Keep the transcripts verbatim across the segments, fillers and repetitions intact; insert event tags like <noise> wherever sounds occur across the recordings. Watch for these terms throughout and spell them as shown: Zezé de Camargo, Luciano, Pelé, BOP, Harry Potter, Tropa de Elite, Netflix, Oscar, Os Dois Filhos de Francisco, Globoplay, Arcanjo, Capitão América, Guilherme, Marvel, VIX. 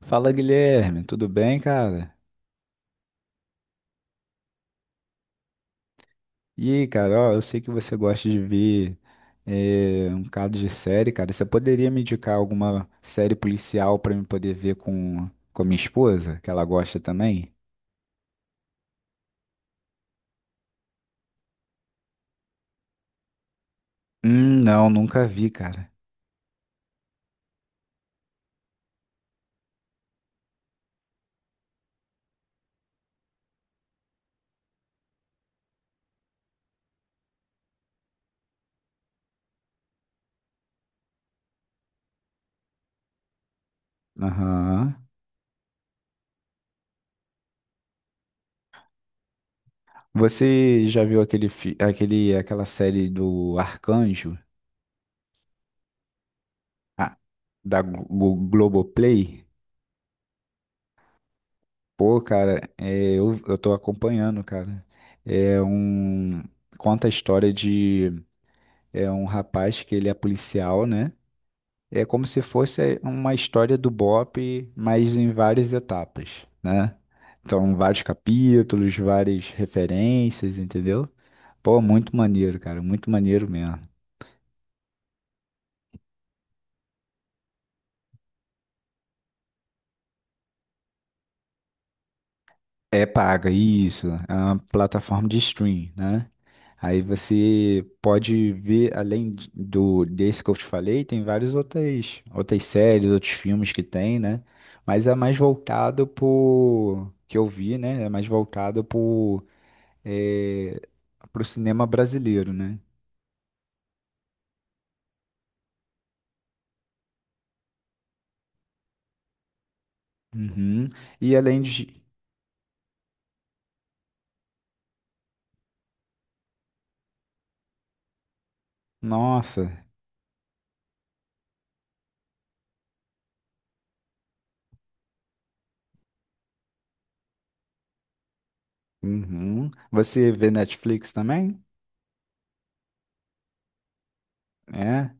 Fala Guilherme, tudo bem, cara? E aí, cara, ó, eu sei que você gosta de ver eh, um bocado de série, cara. Você poderia me indicar alguma série policial pra eu poder ver com, com a minha esposa, que ela gosta também? Hum, não, nunca vi, cara. Aham. Você já viu aquele, fi- aquele, aquela série do Arcanjo, Ah, da Glo- Glo- Globoplay? Pô, cara, é, eu, eu tô acompanhando, cara. É um. Conta a história de é um rapaz que ele é policial, né? É como se fosse é, uma história do B O P, mas em várias etapas, né? Então, vários capítulos, várias referências, entendeu? Pô, muito maneiro, cara, muito maneiro mesmo. É paga, isso. É uma plataforma de stream, né? Aí você pode ver, além de- do desse que eu te falei, tem várias outras, outras séries, outros filmes que tem, né? Mas é mais voltado pro que eu vi, né? É mais voltado pro, é, pro cinema brasileiro, né? Uhum. E além de. Nossa! Uhum. Você vê Netflix também? É.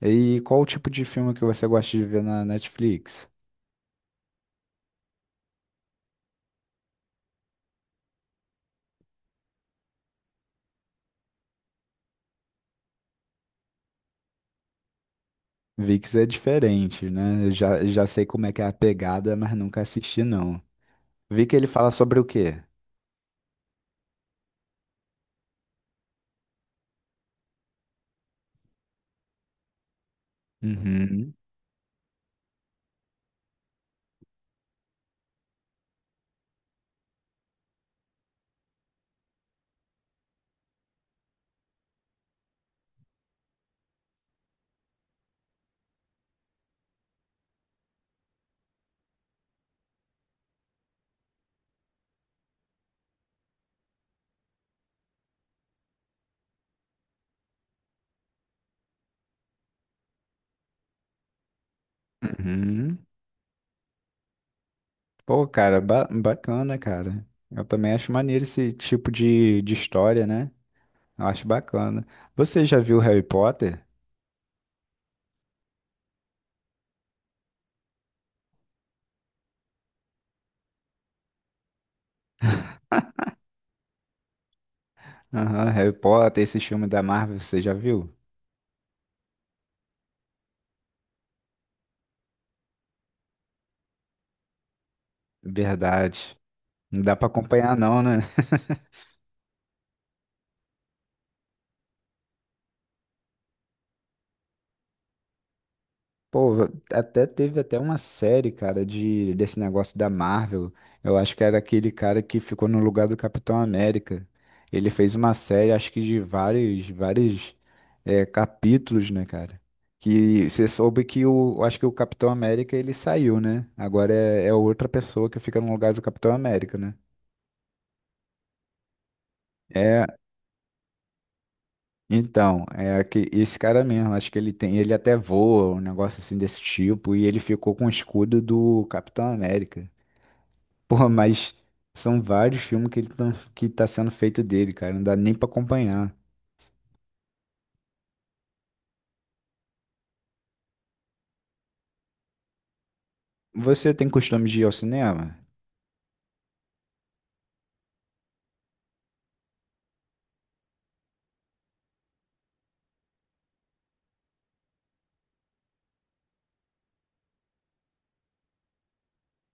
E qual o tipo de filme que você gosta de ver na Netflix? V I X é diferente, né? Eu já, já sei como é que é a pegada, mas nunca assisti, não. V I X ele fala sobre o quê? Uhum. Uhum. Pô, cara, ba- bacana, cara. Eu também acho maneiro esse tipo de, de história, né? Eu acho bacana. Você já viu Harry Potter? Aham, Harry Potter, esse filme da Marvel, você já viu? Verdade. Não dá pra acompanhar, não, né? Pô, até teve até uma série, cara, de desse negócio da Marvel. Eu acho que era aquele cara que ficou no lugar do Capitão América. Ele fez uma série, acho que de vários, vários é, capítulos, né, cara? Que você soube que o, eu acho que o Capitão América ele saiu, né? Agora é, é outra pessoa que fica no lugar do Capitão América, né? É, então, é que esse cara mesmo, acho que ele tem, ele até voa, um negócio assim desse tipo, e ele ficou com o escudo do Capitão América. Porra, mas são vários filmes que ele tão, que tá sendo feito dele, cara. Não dá nem pra acompanhar. Você tem costume de ir ao cinema?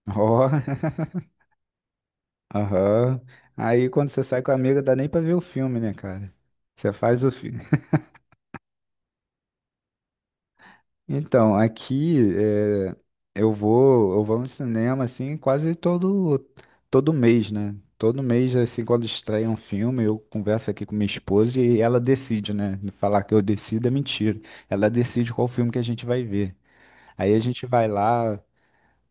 Ó, <laughs> aham. Aí quando você sai com a amiga, dá nem pra ver o filme, né, cara? Você faz o filme. <laughs> Então, aqui é, eu vou, eu vou no cinema assim quase todo todo mês, né? Todo mês assim quando estreia um filme, eu converso aqui com minha esposa e ela decide, né? Falar que eu decido é mentira. Ela decide qual filme que a gente vai ver. Aí a gente vai lá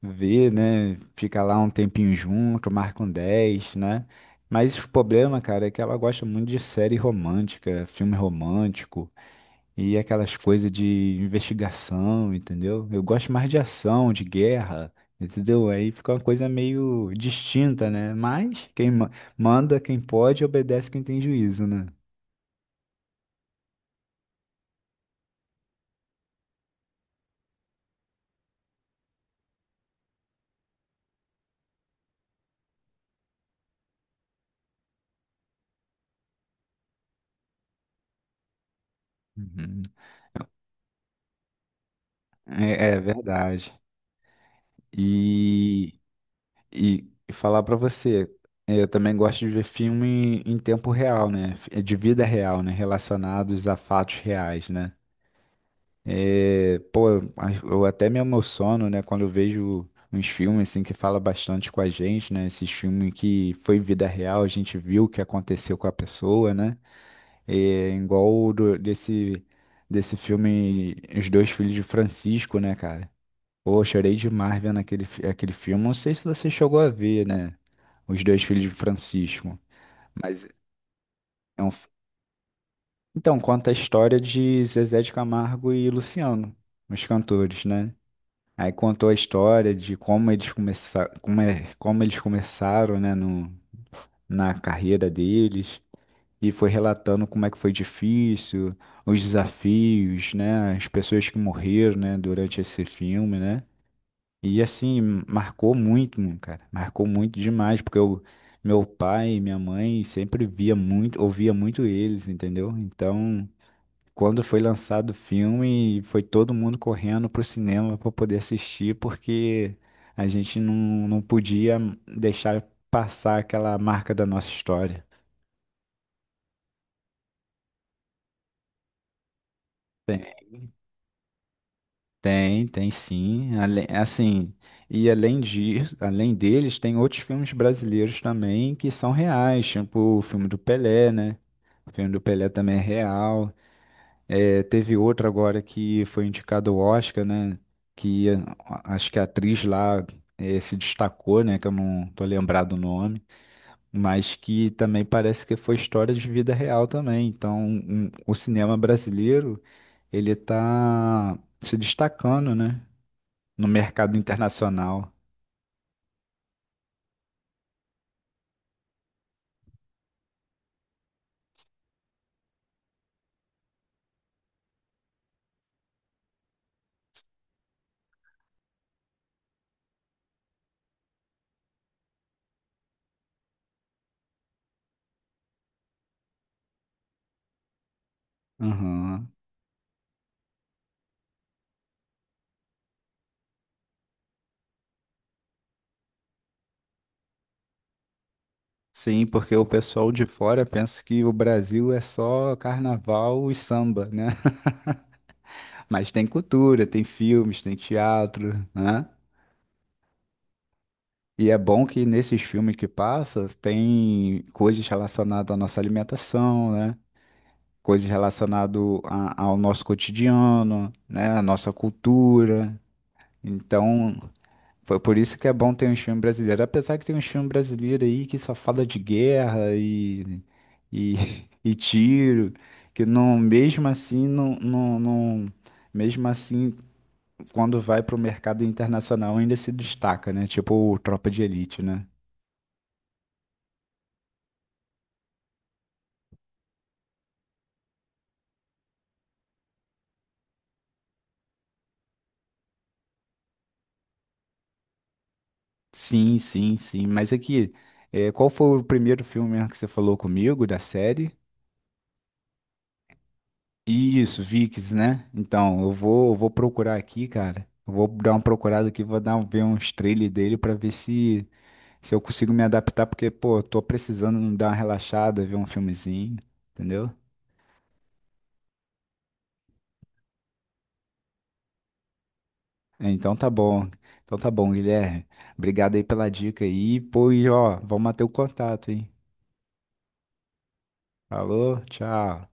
ver, né? Fica lá um tempinho junto, marca um dez, né? Mas o problema, cara, é que ela gosta muito de série romântica, filme romântico e aquelas coisas de investigação, entendeu? Eu gosto mais de ação, de guerra, entendeu? Aí fica uma coisa meio distinta, né? Mas quem ma- manda, quem pode, obedece quem tem juízo, né? Uhum. É, é verdade. E, e falar pra você, é, eu também gosto de ver filme em tempo real, né? Fi- De vida real, né? Relacionados a fatos reais, né? É, pô, as- eu até me emociono, né? Quando eu vejo uns filmes assim que fala bastante com a gente, né? Esses filmes que foi vida real, a gente viu o que aconteceu com a pessoa, né? É, igual o do- desse, desse filme Os Dois Filhos de Francisco, né, cara? Pô, chorei demais vendo aquele, fi- aquele filme. Não sei se você chegou a ver, né? Os dois filhos de Francisco. Mas é um. fi- Então, conta a história de Zezé de Camargo e Luciano, os cantores, né? Aí contou a história de como eles começaram, como, é- como eles começaram, né, no, na carreira deles. E foi relatando como é que foi difícil, os desafios, né? As pessoas que morreram, né, durante esse filme, né? E assim, marcou muito, mano, cara. Marcou muito demais, porque eu, meu pai e minha mãe sempre via muito, ouvia muito eles, entendeu? Então, quando foi lançado o filme, foi todo mundo correndo pro cinema pra poder assistir, porque a gente não, não podia deixar passar aquela marca da nossa história. Tem, tem sim. Ale- Assim, e além disso, além deles, tem outros filmes brasileiros também que são reais, tipo o filme do Pelé, né? O filme do Pelé também é real. É, teve outro agora que foi indicado ao Oscar, né? Que eh, a- acho que a atriz lá eh, se destacou, né? Que eu não tô lembrado o nome, mas que também parece que foi história de vida real também. Então, um- o cinema brasileiro, ele tá se destacando, né? No mercado internacional. Aham. Sim, porque o pessoal de fora pensa que o Brasil é só carnaval e samba, né? <laughs> Mas tem cultura, tem filmes, tem teatro, né? E é bom que nesses filmes que passa tem coisas relacionadas à nossa alimentação, né? Coisas relacionadas a- ao nosso cotidiano, né? À nossa cultura. Então, foi por isso que é bom ter um filme brasileiro. Apesar que tem um filme brasileiro aí que só fala de guerra e, e, <laughs> e tiro, que não, mesmo assim, não, não, não- mesmo assim, quando vai pro mercado internacional ainda se destaca, né? Tipo o Tropa de Elite, né? Sim, sim, sim. Mas aqui, é, qual foi o primeiro filme mesmo que você falou comigo da série? Isso, V I X, né? Então, eu vou, eu vou procurar aqui, cara. Eu vou dar uma procurada aqui, vou dar um- ver uns trailers dele pra ver se se eu consigo me adaptar, porque, pô, eu tô precisando dar uma relaxada, ver um filmezinho, entendeu? Então tá bom. Então tá bom, Guilherme. Obrigado aí pela dica aí. Pô, e ó, vamos manter o contato, hein? Falou, tchau.